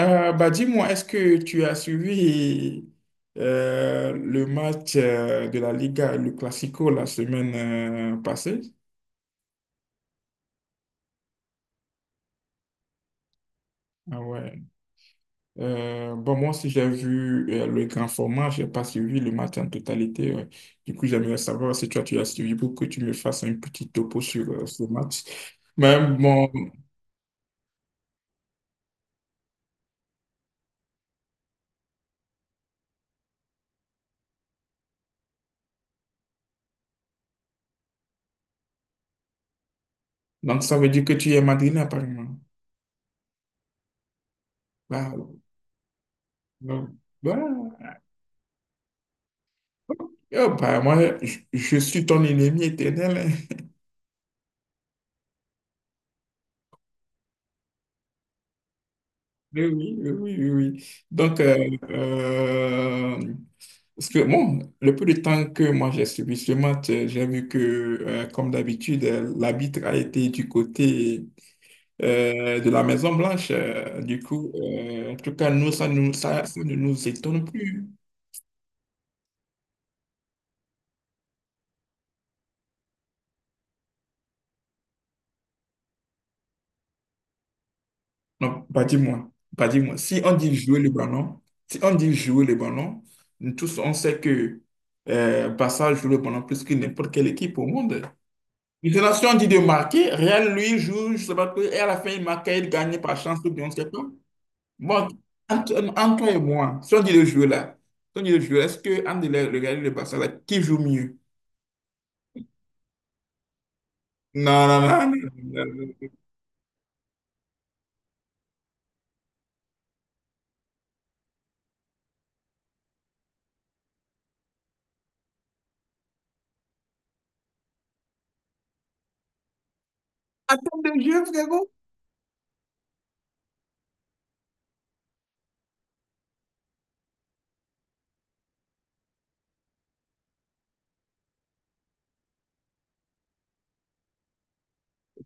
Bah dis-moi, est-ce que tu as suivi le match de la Liga, le Classico, la semaine passée? Ah ouais. Bon, moi aussi, j'ai vu le grand format, j'ai pas suivi le match en totalité. Ouais. Du coup, j'aimerais savoir si toi, tu as suivi pour que tu me fasses un petit topo sur ce match. Mais bon. Donc ça veut dire que tu es madrilène, apparemment. Bah, bah, bah, oh, bah, moi, je suis ton ennemi éternel, hein. Oui, oui, oui, oui, oui. Oui. Donc, parce que bon, le peu de temps que moi j'ai suivi ce match, j'ai vu que, comme d'habitude, l'arbitre a été du côté de la Maison-Blanche. Du coup, en tout cas, nous, ça ne nous étonne plus. Non, pas dis-moi, pas dis-moi. Si on dit jouer le ballon, si on dit jouer le ballon, nous tous, on sait que Barça joue le ballon plus que n'importe quelle équipe au monde. Relation dit de marquer, Real lui joue, je sais pas quoi, et à la fin il marque, il gagne par chance ou bien on sait pas. Bon, entre toi et moi, si on dit le jeu là, si on dit le jeu, est-ce que entre le Real et le Barça là, qui joue mieux? Non, non, non, non, non, non. Attends de jeu, frérot.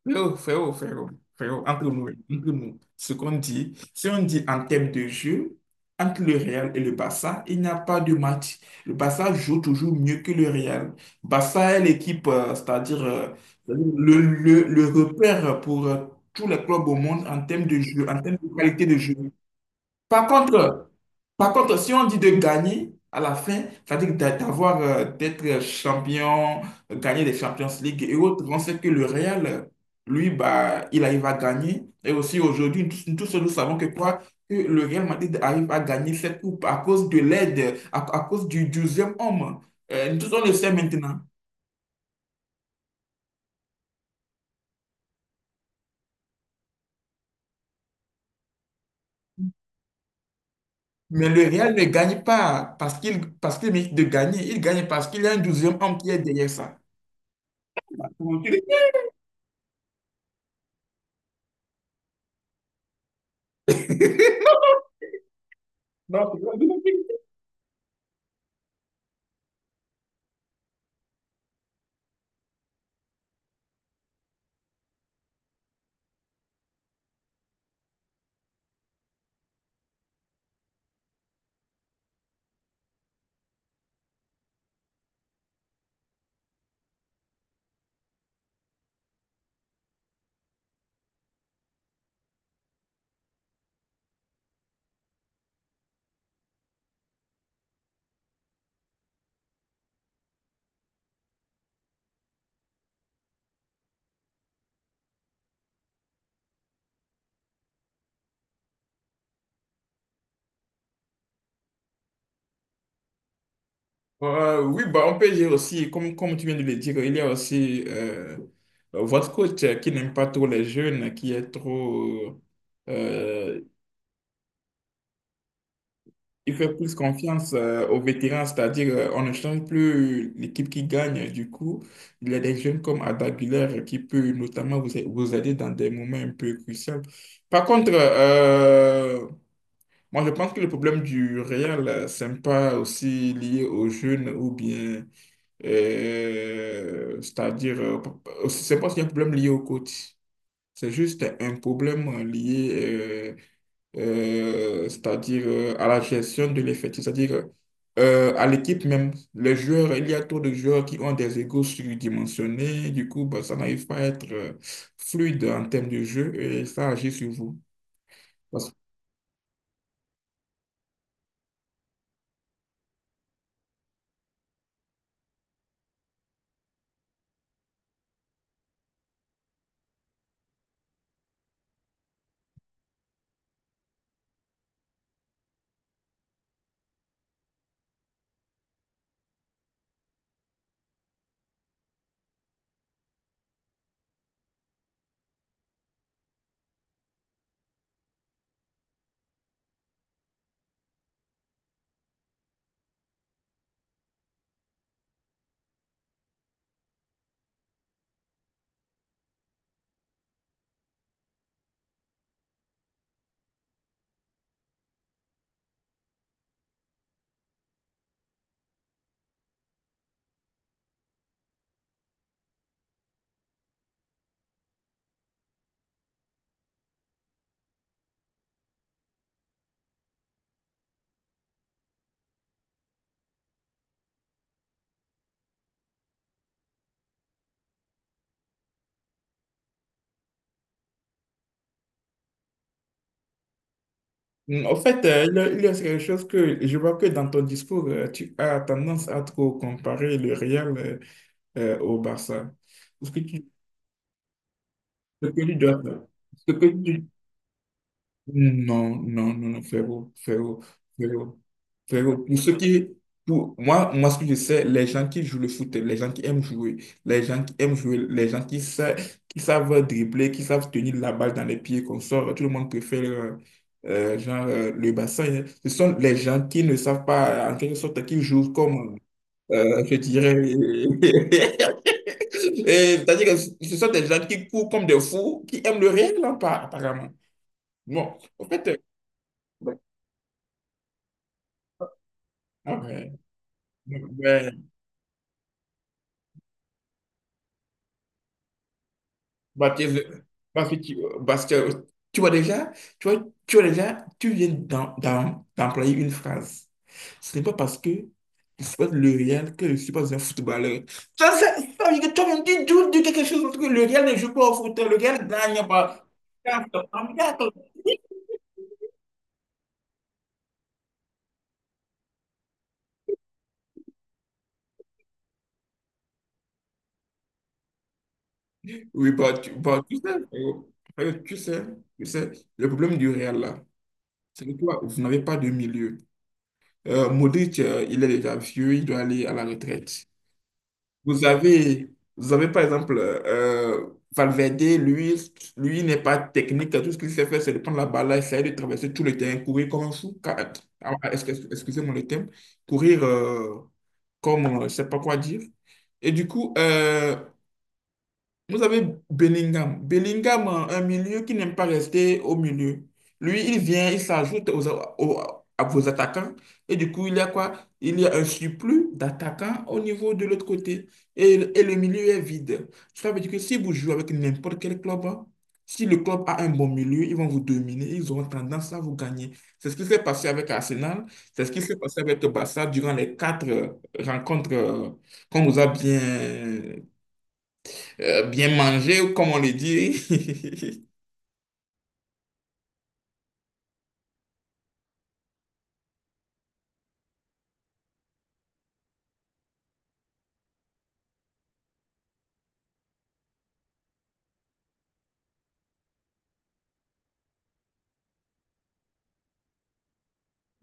Frérot, frérot, frérot, frérot, entre nous, ce qu'on dit, si on dit en termes de jeu, entre le Real et le Barça, il n'y a pas de match. Le Barça joue toujours mieux que le Real. Barça est l'équipe, c'est-à-dire le repère pour tous les clubs au monde en termes de jeu, en termes de qualité de jeu. Par contre, par contre, si on dit de gagner à la fin, c'est-à-dire d'avoir, d'être champion, gagner des Champions League et autres, on sait que le Real, lui, bah, il arrive à gagner. Et aussi aujourd'hui, tous nous savons que quoi? Que le Real Madrid arrive à gagner cette coupe à cause de l'aide, à cause du deuxième homme. Tous on le sait maintenant. Mais le Real ne gagne pas parce qu'il mérite de gagner. Il gagne parce qu'il y a un 12e homme qui est derrière ça. Donc, oui, bah, on peut dire aussi, comme tu viens de le dire, il y a aussi votre coach qui n'aime pas trop les jeunes, qui est trop. euh, il fait plus confiance aux vétérans, c'est-à-dire on ne change plus l'équipe qui gagne. Du coup, il y a des jeunes comme Ada Güler qui peut notamment vous aider dans des moments un peu cruciaux. Par contre, moi je pense que le problème du Real, c'est pas aussi lié aux jeunes ou bien. C'est-à-dire, c'est pas qu'il y a un problème lié au coach, c'est juste un problème lié, c'est-à-dire à la gestion de l'effectif, c'est-à-dire à l'équipe même. Les joueurs, il y a trop de joueurs qui ont des égos surdimensionnés, du coup, bah, ça n'arrive pas à être fluide en termes de jeu et ça agit sur vous. Parce- En fait, il y a quelque chose que je vois que dans ton discours, tu as tendance à trop comparer le Real au Barça. Ce que tu, ce que tu dois, ce que tu Non, non, non, non, frérot, frérot, frérot, frérot. Pour moi, ce que je sais, les gens qui jouent le foot, les gens qui aiment jouer, les gens qui aiment jouer, les gens qui savent dribbler, qui savent tenir la balle dans les pieds qu'on sort, tout le monde préfère, genre, le bassin, hein. Ce sont les gens qui ne savent pas, en quelque sorte, qui jouent comme, je dirais. Et c'est-à-dire que ce sont des gens qui courent comme des fous, qui aiment le réel, hein, apparemment. Bon, en fait. Ok. Ouais. Baptiste, Baptiste, tu parce que tu vois déjà, tu vois déjà, tu viens d'employer une phrase. Ce n'est pas parce que je supporte le Real que je suis pas un footballeur. Ça veut dire que toi, même, tu viens de quelque chose parce que le Real ne joue pas au foot, le Real gagne pas. Oui, bah, bah, tu sais, frérot. Frérot, tu sais, le problème du Real là, c'est que toi, vous n'avez pas de milieu. Modric, il est déjà vieux, il doit aller à la retraite. Vous avez, vous avez par exemple Valverde, lui n'est pas technique. Tout ce qu'il sait faire, c'est de prendre la balle, là, essayer de traverser tout le terrain, courir comme un fou. Ah, excusez-moi le terme. Courir comme, je ne sais pas quoi dire. Et du coup, vous avez Bellingham. Bellingham, un milieu qui n'aime pas rester au milieu. Lui, il vient, il s'ajoute aux- à vos attaquants. Et du coup, il y a quoi? Il y a un surplus d'attaquants au niveau de l'autre côté. Et, et le milieu est vide. Ça veut dire que si vous jouez avec n'importe quel club, hein, si le club a un bon milieu, ils vont vous dominer. Ils auront tendance à vous gagner. C'est ce qui s'est passé avec Arsenal. C'est ce qui s'est passé avec Barça durant les quatre rencontres qu'on nous a bien bien manger, comme on le dit.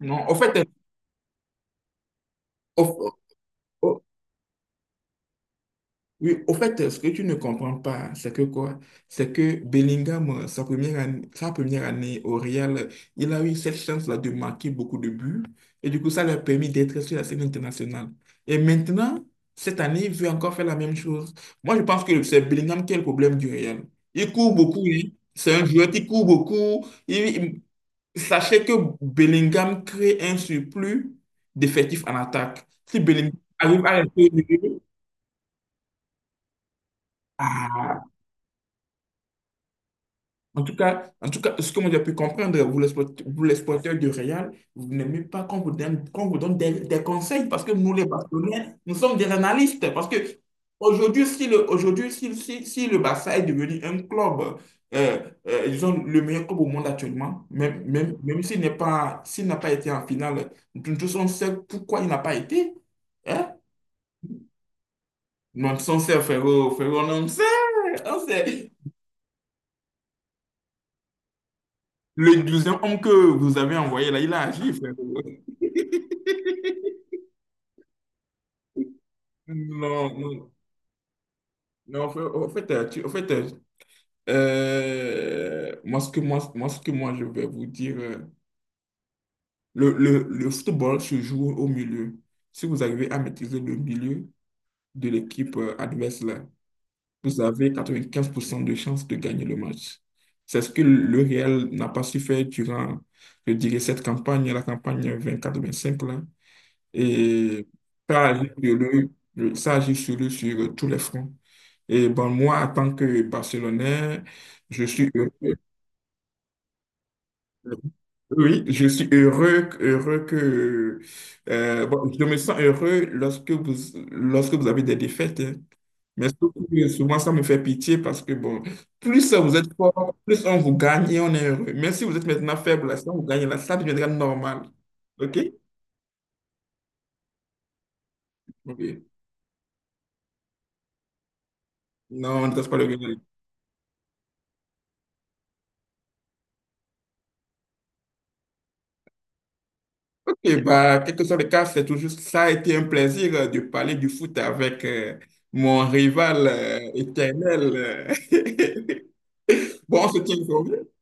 Non, au fait, au, au- oui, au fait, ce que tu ne comprends pas, c'est que quoi? C'est que Bellingham, sa première année au Real, il a eu cette chance-là de marquer beaucoup de buts. Et du coup, ça lui a permis d'être sur la scène internationale. Et maintenant, cette année, il veut encore faire la même chose. Moi, je pense que c'est Bellingham qui est le problème du Real. Il court beaucoup, hein. C'est un joueur qui court beaucoup. Sachez que Bellingham crée un surplus d'effectifs en attaque. Si Bellingham arrive à rester au milieu, ah, en tout cas, en tout cas, ce que moi j'ai pu comprendre, vous les, vous les supporters du Real, vous n'aimez pas qu'on vous donne des conseils parce que nous, les Barcelonais, nous sommes des analystes. Parce que aujourd'hui, si le, aujourd'hui, si le Barça est devenu un club, euh, disons, le meilleur club au monde actuellement, même s'il n'est pas, s'il n'a pas été en finale, nous tous on sait pourquoi il n'a pas été. Hein? Non, on sait, frérot, frérot, on sait, on sait. Le deuxième homme que vous avez envoyé là, il a agi, frérot. Non, non, non, en fait, en fait, en fait, moi, ce que moi, je vais vous dire, le football se joue au milieu. Si vous arrivez à maîtriser le milieu de l'équipe adverse, là, vous avez 95% de chances de gagner le match. C'est ce que le Real n'a pas su faire durant, je dirais, cette campagne, la campagne 24-25 là. Et ça agit sur tous les fronts. Et bon, moi, en tant que Barcelonais, je suis heureux. Oui, je suis heureux, heureux que... bon, je me sens heureux lorsque vous avez des défaites, hein. Mais surtout, souvent, ça me fait pitié parce que, bon, plus vous êtes fort, plus on vous gagne et on est heureux. Même si vous êtes maintenant faible, là, si on vous gagne, là, ça deviendra normal. OK? Oui. Non, on ne reste pas le gain. Et bah, quel que soit le cas, c'est toujours, ça a été un plaisir de parler du foot avec mon rival éternel. Bon, on se tient informé.